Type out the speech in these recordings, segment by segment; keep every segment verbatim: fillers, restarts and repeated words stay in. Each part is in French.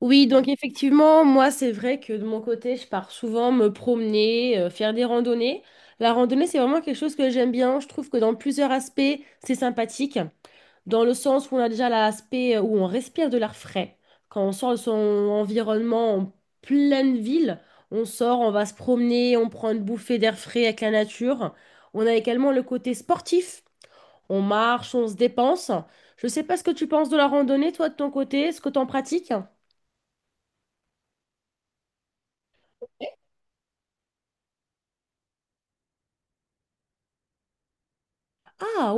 Oui, donc effectivement, moi, c'est vrai que de mon côté, je pars souvent me promener, euh, faire des randonnées. La randonnée, c'est vraiment quelque chose que j'aime bien. Je trouve que dans plusieurs aspects, c'est sympathique. Dans le sens où on a déjà l'aspect euh, où on respire de l'air frais. Quand on sort de son environnement en pleine ville, on sort, on va se promener, on prend une bouffée d'air frais avec la nature. On a également le côté sportif. On marche, on se dépense. Je sais pas ce que tu penses de la randonnée, toi, de ton côté. Est-ce que tu en pratiques? Ah.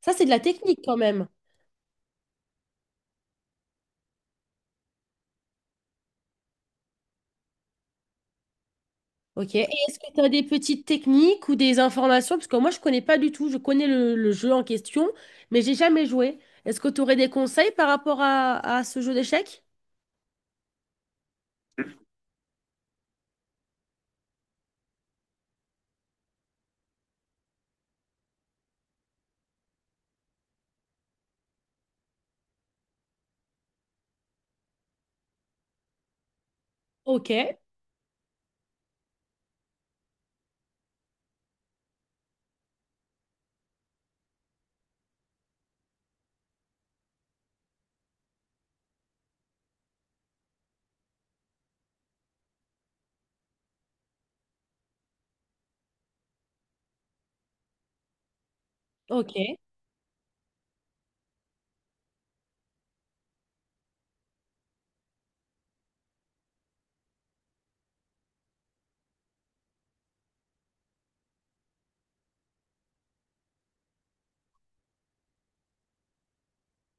Ça, c'est de la technique quand même. OK. Et est-ce que tu as des petites techniques ou des informations? Parce que moi, je connais pas du tout. Je connais le, le jeu en question, mais j'ai jamais joué. Est-ce que tu aurais des conseils par rapport à, à ce jeu d'échecs? OK, OK.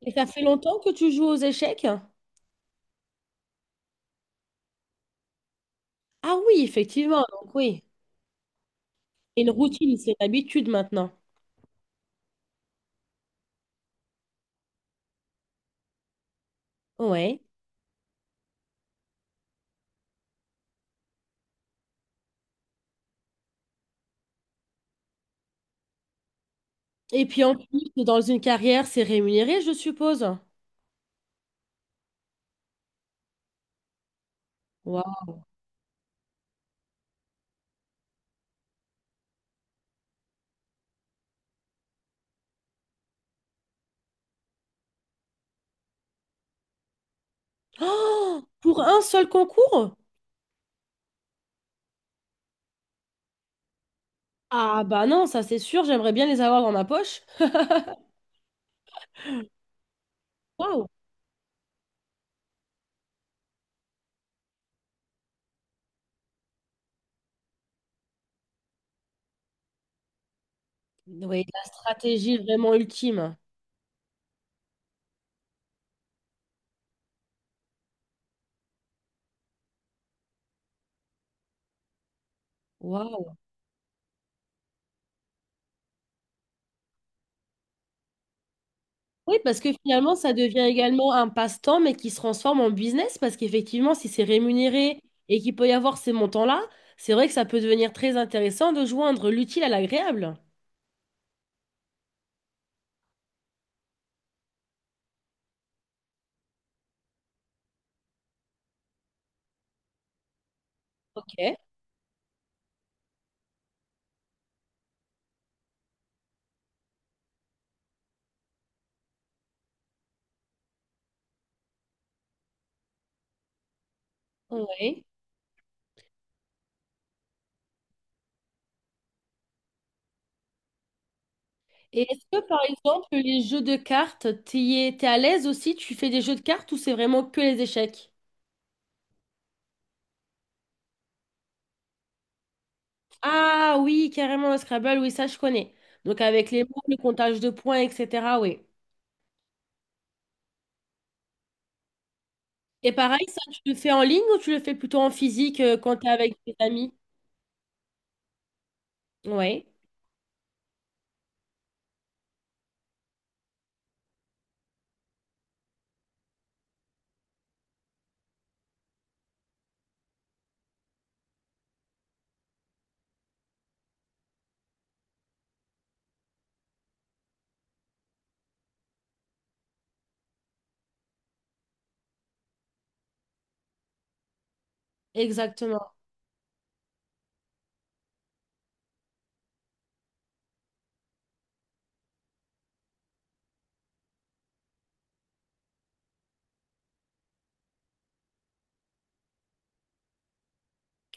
Et ça fait longtemps que tu joues aux échecs? Ah oui, effectivement. Donc oui. C'est une routine, c'est une habitude maintenant. Ouais. Et puis en plus, dans une carrière, c'est rémunéré, je suppose. Waouh. Oh, pour un seul concours? Ah bah non, ça c'est sûr, j'aimerais bien les avoir dans ma poche. Waouh! Oui, la stratégie vraiment ultime. Waouh! Oui, parce que finalement, ça devient également un passe-temps, mais qui se transforme en business, parce qu'effectivement, si c'est rémunéré et qu'il peut y avoir ces montants-là, c'est vrai que ça peut devenir très intéressant de joindre l'utile à l'agréable. Ok, oui. Et est-ce que, par exemple, les jeux de cartes, t'y es- t'es à l'aise aussi? Tu fais des jeux de cartes ou c'est vraiment que les échecs? Ah oui, carrément le Scrabble, oui, ça je connais. Donc avec les mots, le comptage de points, et cetera. Oui. Et pareil, ça, tu le fais en ligne ou tu le fais plutôt en physique euh, quand tu es avec tes amis? Oui, exactement.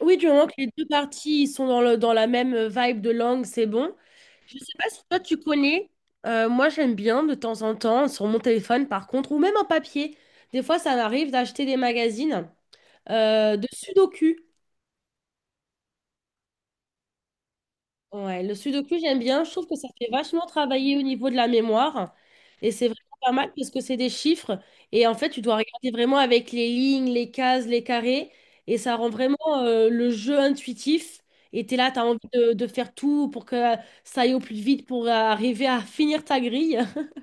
Oui, du moment que les deux parties ils sont dans le, dans la même euh, vibe de langue, c'est bon. Je sais pas si toi tu connais, euh, moi j'aime bien de temps en temps, sur mon téléphone par contre, ou même en papier. Des fois, ça m'arrive d'acheter des magazines euh, de Sudoku. Ouais, le sudoku, j'aime bien. Je trouve que ça fait vachement travailler au niveau de la mémoire. Et c'est vraiment pas mal parce que c'est des chiffres. Et en fait, tu dois regarder vraiment avec les lignes, les cases, les carrés. Et ça rend vraiment euh, le jeu intuitif. Et t'es là, t'as envie de, de faire tout pour que ça aille au plus vite pour euh, arriver à finir ta grille.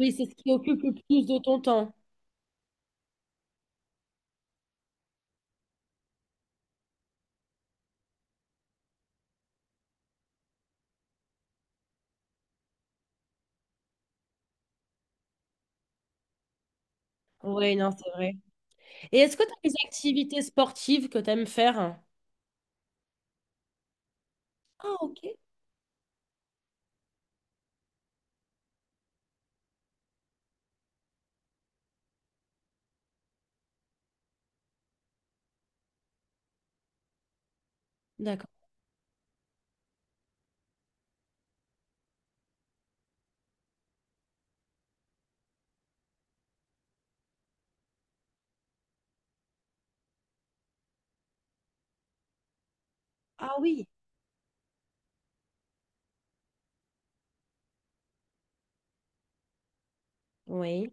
Oui, c'est ce qui occupe le plus de ton temps. Oui, non, c'est vrai. Et est-ce que tu as des activités sportives que tu aimes faire? Ah, ok. D'accord. Ah oui. Oui.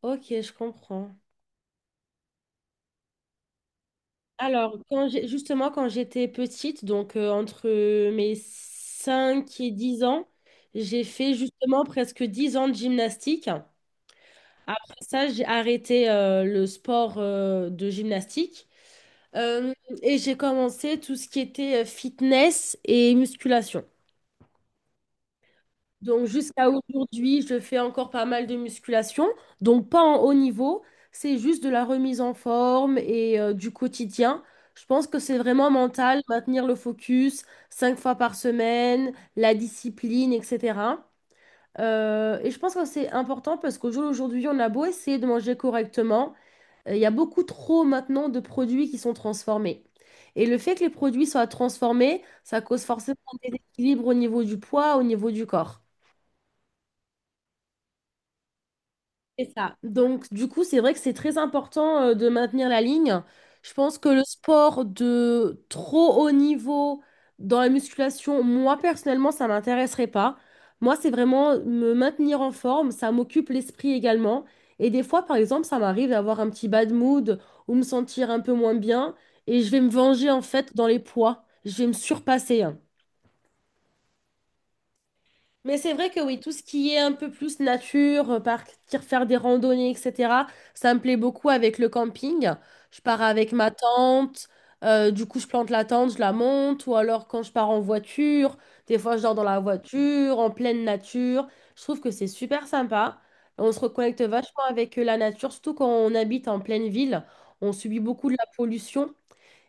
Ok, je comprends. Alors, quand j'ai- justement, quand j'étais petite, donc euh, entre mes cinq et dix ans, j'ai fait justement presque dix ans de gymnastique. Après ça, j'ai arrêté euh, le sport euh, de gymnastique. Euh, et j'ai commencé tout ce qui était euh, fitness et musculation. Donc jusqu'à aujourd'hui, je fais encore pas mal de musculation, donc pas en haut niveau, c'est juste de la remise en forme et euh, du quotidien. Je pense que c'est vraiment mental, maintenir le focus cinq fois par semaine, la discipline, et cetera. Euh, et je pense que c'est important parce qu'au jour d'aujourd'hui, on a beau essayer de manger correctement, euh, il y a beaucoup trop maintenant de produits qui sont transformés. Et le fait que les produits soient transformés, ça cause forcément un déséquilibre au niveau du poids, au niveau du corps. C'est ça. Donc, du coup, c'est vrai que c'est très important euh, de maintenir la ligne. Je pense que le sport de trop haut niveau dans la musculation, moi, personnellement, ça m'intéresserait pas. Moi, c'est vraiment me maintenir en forme. Ça m'occupe l'esprit également. Et des fois, par exemple, ça m'arrive d'avoir un petit bad mood ou me sentir un peu moins bien. Et je vais me venger, en fait, dans les poids. Je vais me surpasser, hein. Mais c'est vrai que oui, tout ce qui est un peu plus nature, euh, partir faire des randonnées, et cetera, ça me plaît beaucoup avec le camping. Je pars avec ma tente, euh, du coup je plante la tente, je la monte, ou alors quand je pars en voiture, des fois je dors dans la voiture, en pleine nature. Je trouve que c'est super sympa. On se reconnecte vachement avec euh, la nature, surtout quand on habite en pleine ville. On subit beaucoup de la pollution.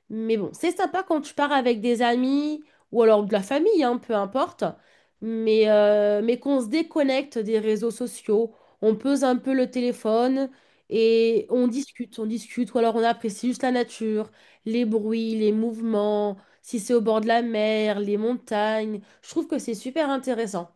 Mais bon, c'est sympa quand tu pars avec des amis ou alors de la famille, hein, peu importe. Mais, euh, mais qu'on se déconnecte des réseaux sociaux, on pose un peu le téléphone et on discute, on discute. Ou alors on apprécie juste la nature, les bruits, les mouvements, si c'est au bord de la mer, les montagnes. Je trouve que c'est super intéressant.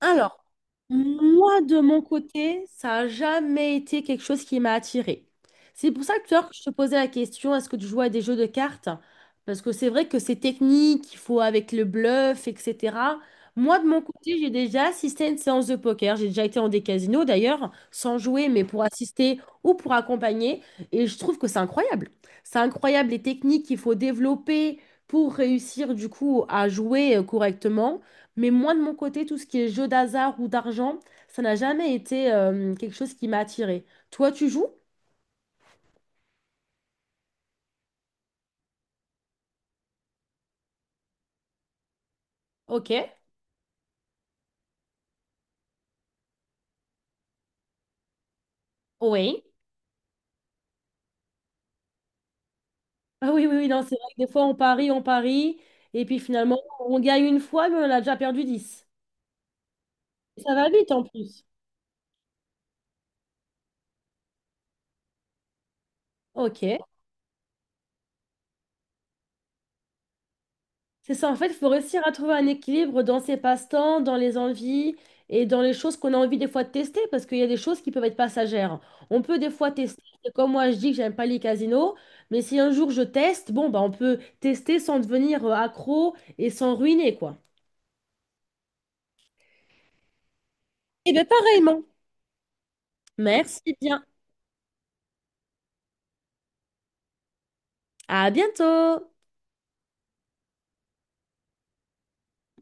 Alors, moi, de mon côté, ça n'a jamais été quelque chose qui m'a attirée. C'est pour ça que tout à l'heure que je te posais la question, est-ce que tu joues à des jeux de cartes? Parce que c'est vrai que c'est technique, il faut avec le bluff, et cetera. Moi, de mon côté, j'ai déjà assisté à une séance de poker. J'ai déjà été dans des casinos, d'ailleurs, sans jouer, mais pour assister ou pour accompagner. Et je trouve que c'est incroyable. C'est incroyable les techniques qu'il faut développer pour réussir, du coup, à jouer euh, correctement. Mais moi, de mon côté, tout ce qui est jeu d'hasard ou d'argent, ça n'a jamais été euh, quelque chose qui m'a attirée. Toi, tu joues? Ok, oui. Ah oui, oui, oui, non, c'est vrai que des fois, on parie, on parie, et puis finalement, on gagne une fois, mais on a déjà perdu dix. Ça va vite en plus. Ok. C'est ça, en fait, il faut réussir à trouver un équilibre dans ses passe-temps, dans les envies et dans les choses qu'on a envie des fois de tester, parce qu'il y a des choses qui peuvent être passagères. On peut des fois tester, c'est comme moi je dis que j'aime pas les casinos, mais si un jour je teste, bon, bah, on peut tester sans devenir euh, accro et sans ruiner, quoi. Et bien, pareillement. Merci bien. À bientôt!